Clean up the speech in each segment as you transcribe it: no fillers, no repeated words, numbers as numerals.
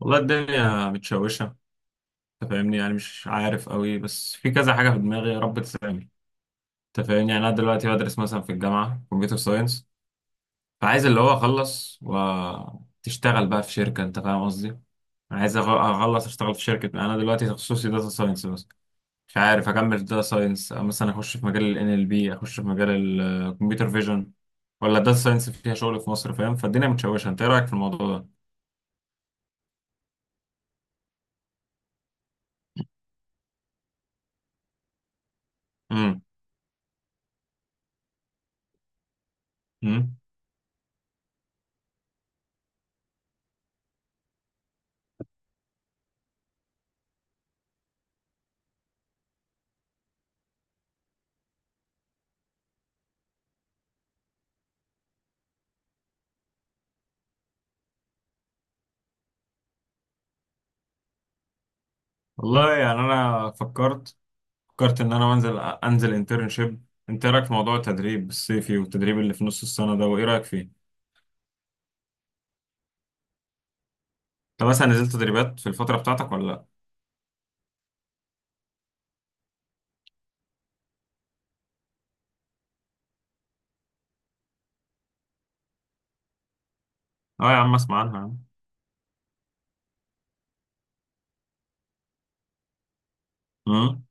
والله الدنيا متشوشة. انت فاهمني، يعني مش عارف قوي، بس في كذا حاجة في دماغي، يا رب تساعدني. انت فاهمني، يعني انا دلوقتي بدرس مثلا في الجامعة كمبيوتر ساينس. فعايز اللي هو اخلص وتشتغل بقى في شركة، انت فاهم قصدي. عايز اخلص اشتغل في شركة. انا دلوقتي تخصصي داتا ساينس بس. مش عارف اكمل في داتا ساينس، مثلا اخش في مجال ال NLP، اخش في مجال الكمبيوتر فيجن، ولا داتا ساينس فيها شغل في مصر، فاهم؟ فالدنيا متشوشة، انت ايه رأيك في الموضوع ده؟ امم. امم. والله يعني انا فكرت ان انا انزل انترنشيب. انت إيه رايك في موضوع التدريب الصيفي، والتدريب اللي في نص السنه ده، وايه رايك فيه؟ طب مثلا نزلت تدريبات في الفتره بتاعتك ولا لا؟ اه يا عم اسمع عنها يا عم. امم،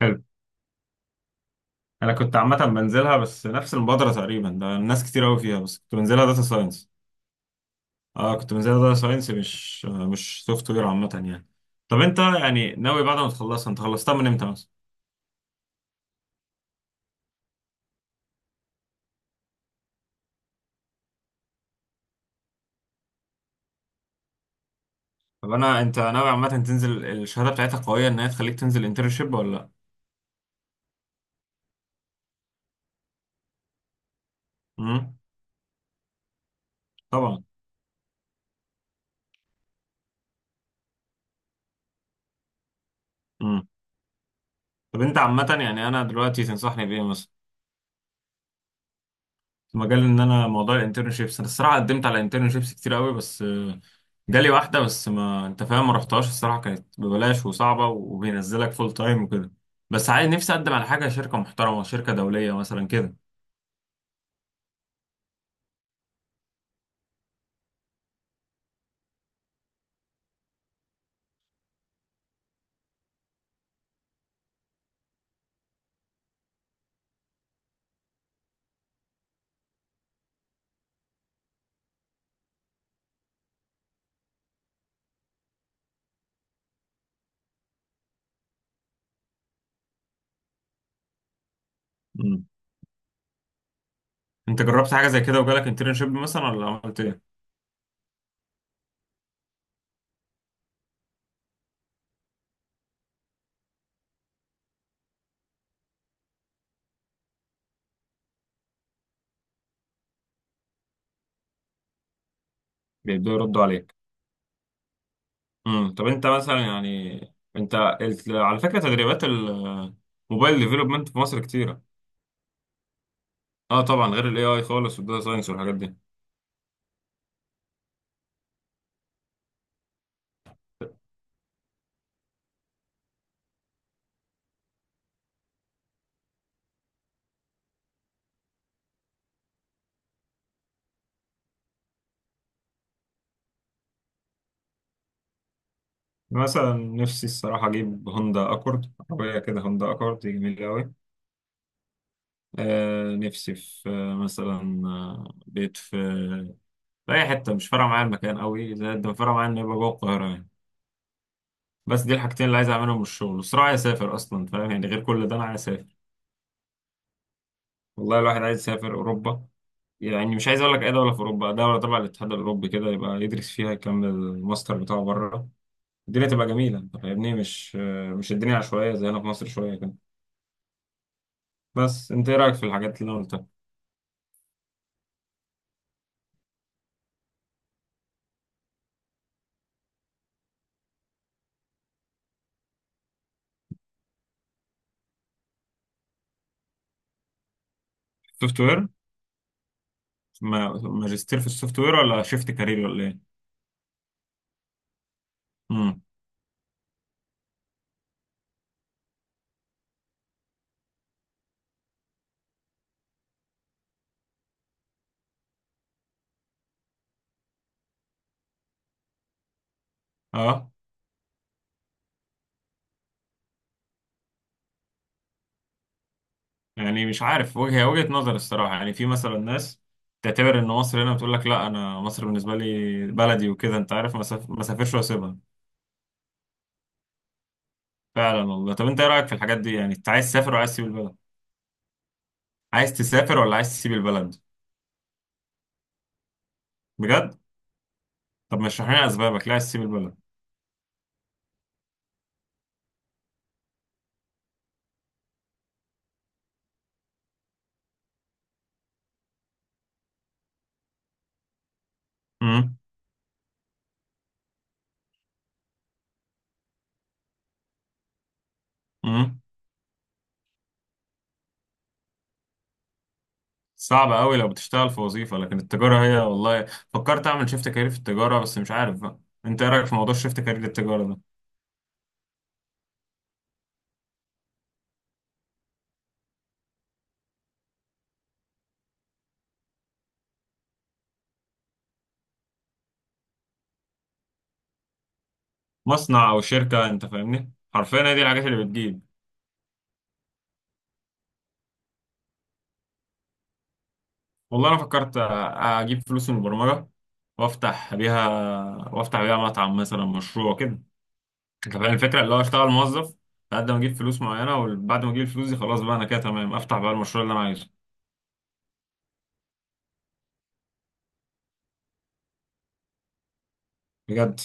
حلو. انا كنت عامه بنزلها، بس نفس المبادره تقريبا ده، الناس كتير قوي فيها، بس كنت بنزلها داتا ساينس. اه كنت بنزلها داتا ساينس، مش مش سوفت وير عامه يعني. طب انت يعني ناوي بعد ما تخلصها، انت خلصتها من امتى مثلا؟ طب انت ناوي عامه تنزل الشهاده بتاعتها قويه ان هي تخليك تنزل انترنشيب ولا لا؟ امم. طبعا. مم. طب انت عامة يعني انا دلوقتي تنصحني بايه مثلا؟ في مجال ان انا موضوع الانترنشيبس، انا الصراحة قدمت على انترنشيبس كتير قوي، بس جالي واحدة بس، ما انت فاهم، ما رحتهاش الصراحة، كانت ببلاش وصعبة وبينزلك فول تايم وكده. بس عايز نفسي اقدم على حاجة شركة محترمة، شركة دولية مثلا كده. مم. انت جربت حاجة زي كده وجالك انترنشيب مثلا، ولا عملت ايه؟ بيبدأوا يردوا عليك. امم. طب انت مثلا يعني، انت على فكرة تدريبات الموبايل ديفلوبمنت في مصر كتيرة. اه طبعا، غير الاي اي خالص، والداتا ساينس والحاجات دي. مثلا نفسي الصراحة أجيب هوندا أكورد، عربية كده، هوندا أكورد دي جميلة أوي. آه نفسي في آه مثلا آه، بيت في أي حتة، مش فارقة معايا المكان أوي، زائد ما فارقة معايا إن يبقى جوه القاهرة يعني. بس دي الحاجتين اللي عايز أعملهم من الشغل، والصراحة عايز أسافر أصلا، فاهم يعني، غير كل ده أنا عايز أسافر. والله الواحد عايز يسافر أوروبا. يعني مش عايز أقول لك أي دولة في أوروبا، دولة تبع الاتحاد الأوروبي كده، يبقى يدرس فيها يكمل الماستر بتاعه بره. الدنيا تبقى جميلة، أنت فاهمني، مش مش الدنيا عشوائية زي هنا في مصر شوية كده. بس انت ايه رايك في الحاجات اللي أنا قلتها؟ سوفت وير. ماجستير في السوفت وير، ولا شيفت كارير، ولا ايه؟ امم. اه. يعني مش عارف، وجهه نظر الصراحه، يعني في مثلا ناس تعتبر ان مصر هنا، بتقول لك لا، انا مصر بالنسبه لي بلدي وكده، انت عارف، ما سافرش واسيبها. فعلا والله. طب انت ايه رايك في الحاجات دي، يعني انت عايز تسافر وعايز تسيب البلد؟ عايز تسافر ولا عايز تسيب البلد؟ بجد. طب ما اشرح لنا اسبابك، ليه عايز تسيب البلد؟ امم. صعب قوي لو بتشتغل في وظيفة، لكن التجارة هي والله، فكرت اعمل شيفت كارير في التجارة، بس مش عارف بقى. انت ايه رأيك في موضوع شيفت كارير التجارة ده؟ مصنع او شركة، انت فاهمني، حرفيا هي دي الحاجات اللي بتجيب. والله انا فكرت اجيب فلوس من البرمجة وافتح بيها وافتح بيها مطعم مثلا، مشروع كده. انت فاهم الفكرة، اللي هو اشتغل موظف لحد ما اجيب فلوس معينة، وبعد ما اجيب الفلوس دي خلاص بقى، انا كده تمام، افتح بقى المشروع اللي انا عايزه. بجد.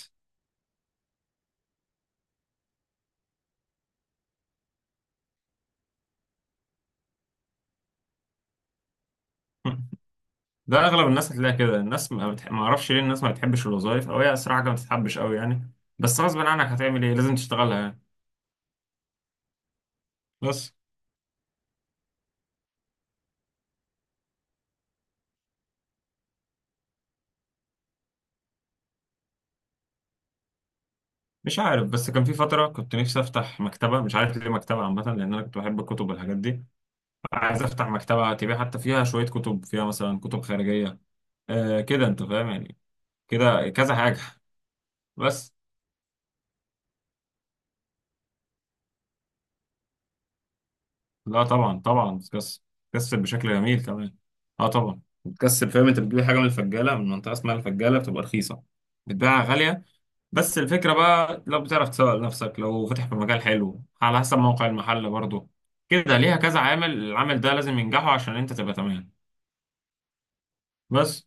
ده اغلب الناس هتلاقي كده، الناس ما اعرفش ليه الناس ما بتحبش الوظائف، او هي صراحه ما بتتحبش قوي يعني. بس غصب عنك هتعمل ايه، لازم تشتغلها يعني. بس. مش عارف، بس كان في فتره كنت نفسي افتح مكتبه، مش عارف ليه مكتبه عامه، لان انا كنت بحب الكتب والحاجات دي. عايز افتح مكتبه تبيع، حتى فيها شويه كتب، فيها مثلا كتب خارجيه. كده انت فاهم يعني، كده كذا حاجه. بس. لا طبعا طبعا بتكسب، بتكسب بشكل جميل كمان. اه طبعا بتكسب، فاهم، انت بتجيب حاجه من الفجاله، من منطقه اسمها الفجاله، بتبقى رخيصه، بتبيعها غالية. بس الفكرة بقى لو بتعرف تسوق لنفسك، لو فاتح في مجال حلو، على حسب موقع المحل برضه، كده ليها كذا عامل، العامل ده لازم ينجحه عشان انت تبقى تمام. بس.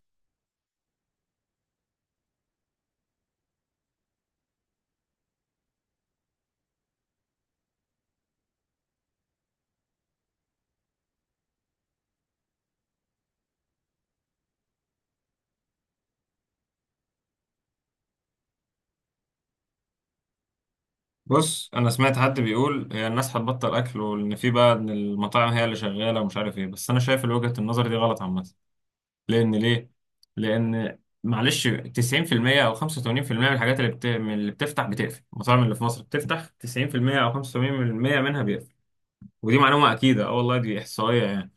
بص انا سمعت حد بيقول هي الناس هتبطل اكل، وان في بقى ان المطاعم هي اللي شغالة، ومش عارف ايه، بس انا شايف وجهة النظر دي غلط عامة. لان ليه لان معلش 90% او 85% من الحاجات اللي من اللي بتفتح بتقفل، المطاعم اللي في مصر بتفتح 90% او 85% منها بيقفل. ودي معلومة اكيدة، اه والله دي احصائية يعني.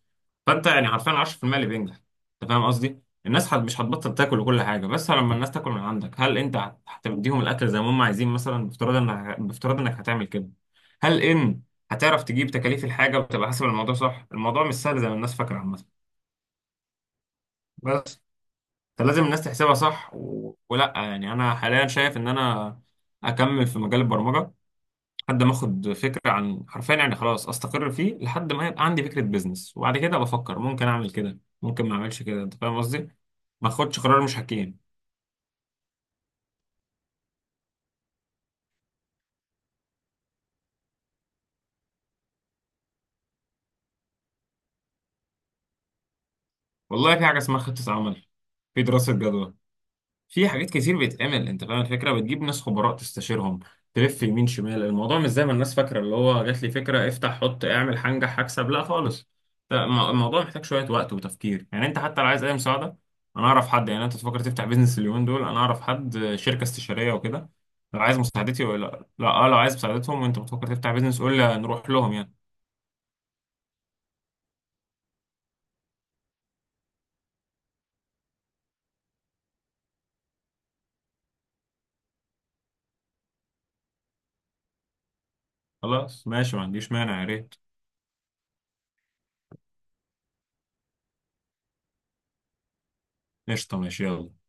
فانت يعني حرفيا 10% اللي بينجح. انت فاهم قصدي، الناس مش هتبطل تاكل وكل حاجه، بس لما الناس تاكل من عندك، هل انت هتديهم الاكل زي ما هم عايزين مثلا، بافتراض انك بافتراض انك هتعمل كده، هل ان هتعرف تجيب تكاليف الحاجه، وتبقى حاسب الموضوع صح. الموضوع مش سهل زي ما الناس فاكره عامه. بس. فلازم الناس تحسبها صح ولا يعني، انا حاليا شايف ان انا اكمل في مجال البرمجه، لحد ما اخد فكره عن، حرفيا يعني خلاص استقر فيه، لحد ما يبقى عندي فكره بيزنس، وبعد كده بفكر، ممكن اعمل كده ممكن ما اعملش كده، انت فاهم قصدي، ما اخدش قرار مش حكيم. والله في حاجه اسمها خطه عمل، في دراسه جدوى، في حاجات كتير بيتعمل، انت فاهم الفكره، بتجيب ناس خبراء تستشيرهم، تلف يمين شمال. الموضوع مش زي ما الناس فاكره، اللي هو جات لي فكره افتح حط اعمل هنجح هكسب، لا خالص. ده الموضوع محتاج شويه وقت وتفكير يعني، انت حتى لو عايز اي مساعده انا اعرف حد، يعني انت تفكر تفتح بيزنس اليومين دول، انا اعرف حد شركه استشاريه وكده. لو عايز مساعدتي ولا لا، اه لو عايز مساعدتهم وانت بتفكر تفتح بيزنس قول لي نروح لهم يعني. خلاص ماشي، ما عنديش مانع، يا ريت. قشطه، ماشي، يلا.